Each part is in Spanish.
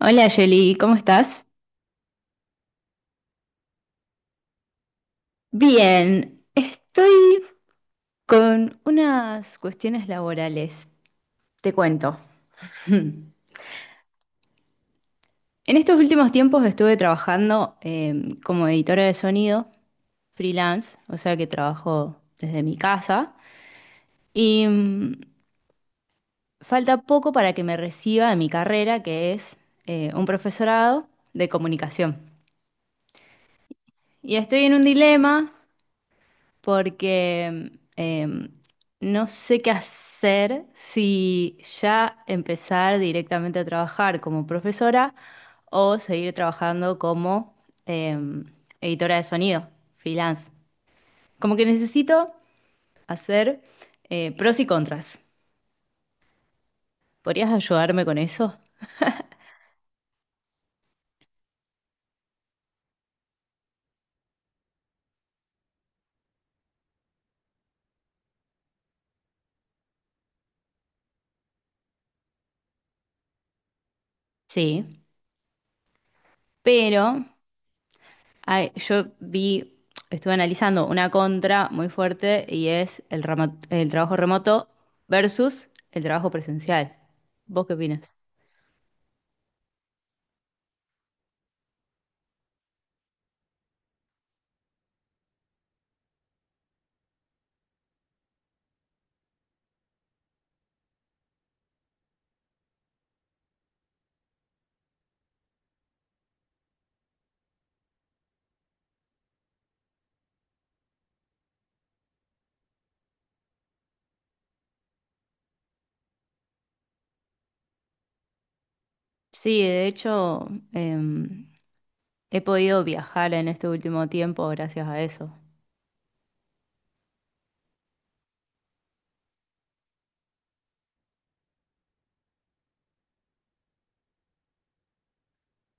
Hola Yoli, ¿cómo estás? Bien, estoy con unas cuestiones laborales. Te cuento. En estos últimos tiempos estuve trabajando como editora de sonido, freelance, o sea que trabajo desde mi casa. Y falta poco para que me reciba de mi carrera, que es un profesorado de comunicación. Y estoy en un dilema porque no sé qué hacer si ya empezar directamente a trabajar como profesora o seguir trabajando como em, editora de sonido, freelance. Como que necesito hacer pros y contras. ¿Podrías ayudarme con eso? Sí, pero... Ay, yo vi, estuve analizando una contra muy fuerte y es el trabajo remoto versus el trabajo presencial. ¿Vos qué opinas? Sí, de hecho, em, he podido viajar en este último tiempo gracias a eso.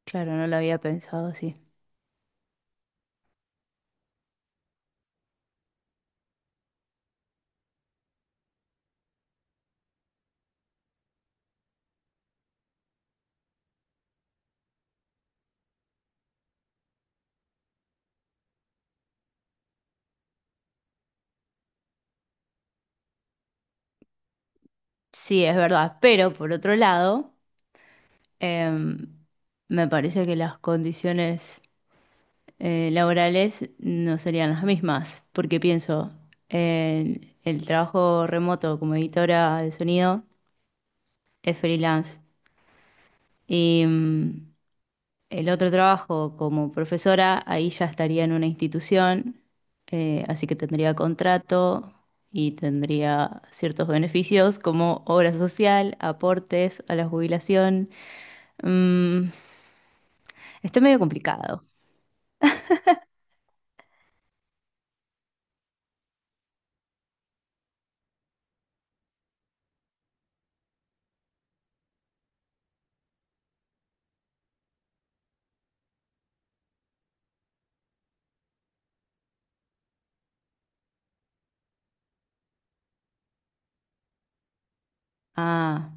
Claro, no lo había pensado así. Sí, es verdad, pero por otro lado, em, me parece que las condiciones laborales no serían las mismas, porque pienso en el trabajo remoto como editora de sonido es freelance, y el otro trabajo como profesora, ahí ya estaría en una institución, así que tendría contrato y tendría ciertos beneficios como obra social, aportes a la jubilación. Mm, Está medio complicado. Ah,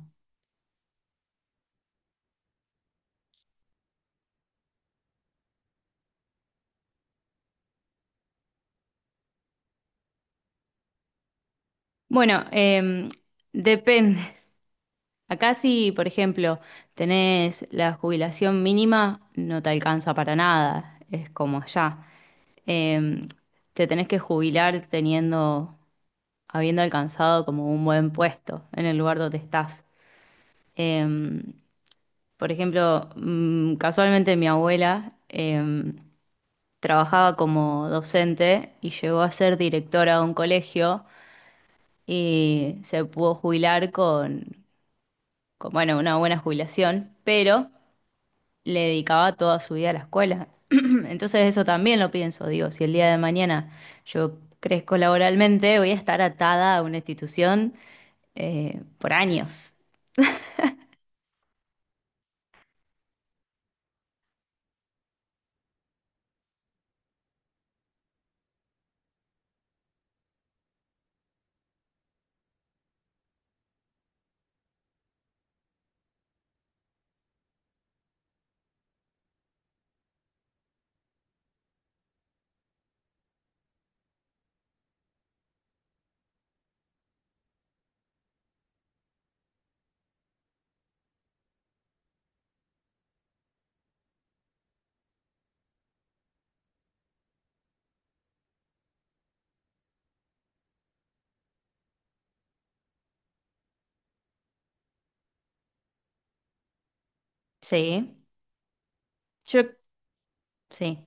bueno, depende. Acá si, por ejemplo, tenés la jubilación mínima, no te alcanza para nada, es como allá. Em, Te tenés que jubilar teniendo, habiendo alcanzado como un buen puesto en el lugar donde estás. Em, por ejemplo, casualmente mi abuela trabajaba como docente y llegó a ser directora de un colegio y se pudo jubilar con, bueno, una buena jubilación, pero le dedicaba toda su vida a la escuela. Entonces eso también lo pienso, digo, si el día de mañana yo crezco laboralmente, voy a estar atada a una institución por años. Sí, yo sí.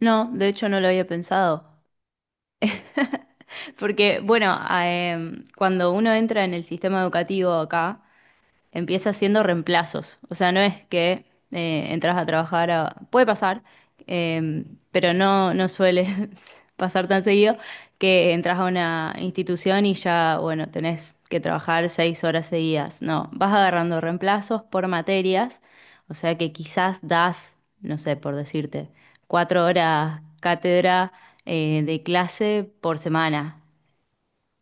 No, de hecho no lo había pensado. Porque, bueno, cuando uno entra en el sistema educativo acá, empieza haciendo reemplazos. O sea, no es que entras a trabajar a... Puede pasar, eh, pero no, no suele pasar tan seguido que entras a una institución y ya, bueno, tenés que trabajar 6 horas seguidas. No, vas agarrando reemplazos por materias, o sea que quizás das, no sé, por decirte, 4 horas cátedra de clase por semana.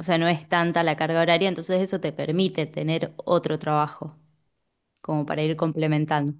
O sea, no es tanta la carga horaria, entonces eso te permite tener otro trabajo como para ir complementando.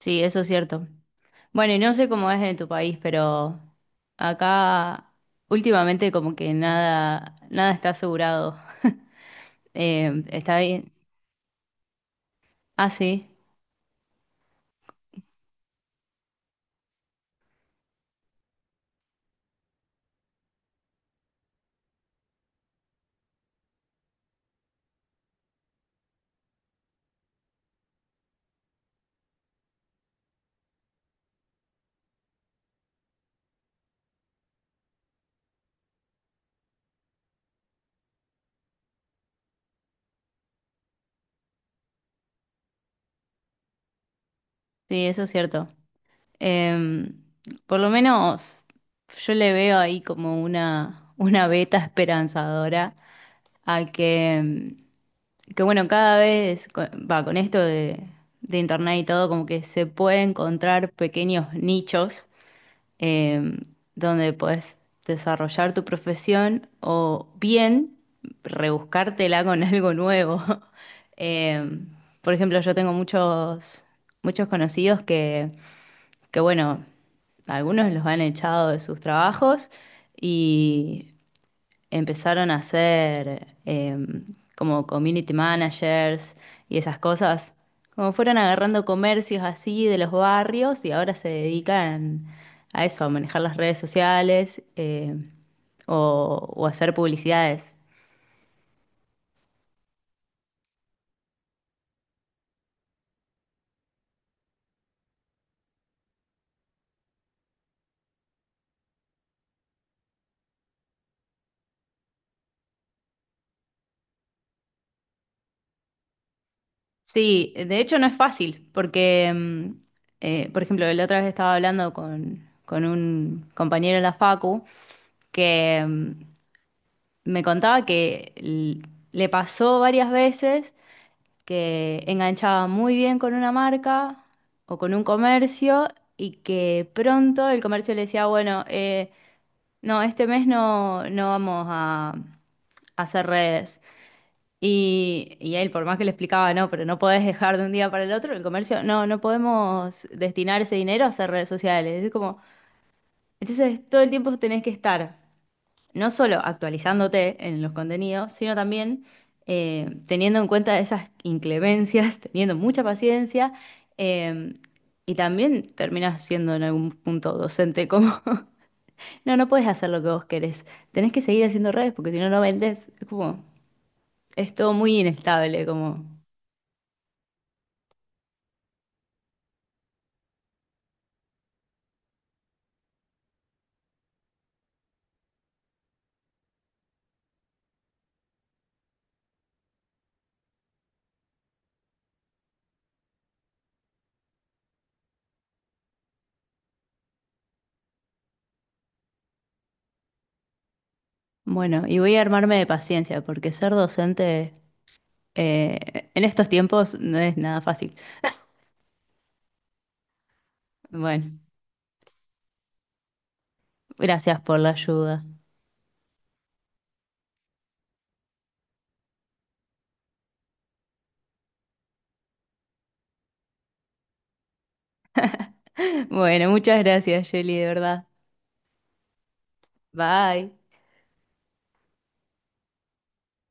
Sí, eso es cierto. Bueno, y no sé cómo es en tu país, pero acá últimamente como que nada, nada está asegurado. Está bien. Ah, sí, sí, eso es cierto. Eh, por lo menos yo le veo ahí como una veta esperanzadora a que bueno, cada vez con, va, con esto de internet y todo, como que se puede encontrar pequeños nichos eh, donde podés desarrollar tu profesión o bien rebuscártela con algo nuevo. Eh, por ejemplo, yo tengo muchos, muchos conocidos que, bueno, algunos los han echado de sus trabajos y empezaron a hacer como community managers y esas cosas. Como fueron agarrando comercios así de los barrios y ahora se dedican a eso, a manejar las redes sociales o hacer publicidades. Sí, de hecho no es fácil porque, por ejemplo, la otra vez estaba hablando con un compañero en la facu que me contaba que le pasó varias veces que enganchaba muy bien con una marca o con un comercio y que pronto el comercio le decía, bueno, no, este mes no, no vamos a hacer redes. Y él, por más que le explicaba, no, pero no podés dejar de un día para el otro, el comercio, no, no podemos destinar ese dinero a hacer redes sociales. Es como, entonces todo el tiempo tenés que estar no solo actualizándote en los contenidos, sino también teniendo en cuenta esas inclemencias, teniendo mucha paciencia, eh, y también terminas siendo en algún punto docente como... No, no puedes hacer lo que vos querés, tenés que seguir haciendo redes porque si no, no vendés. Es como, es todo muy inestable, como... Bueno, y voy a armarme de paciencia porque ser docente en estos tiempos no es nada fácil. Bueno, gracias por la ayuda. Bueno, muchas gracias, Jelly, de verdad. Bye.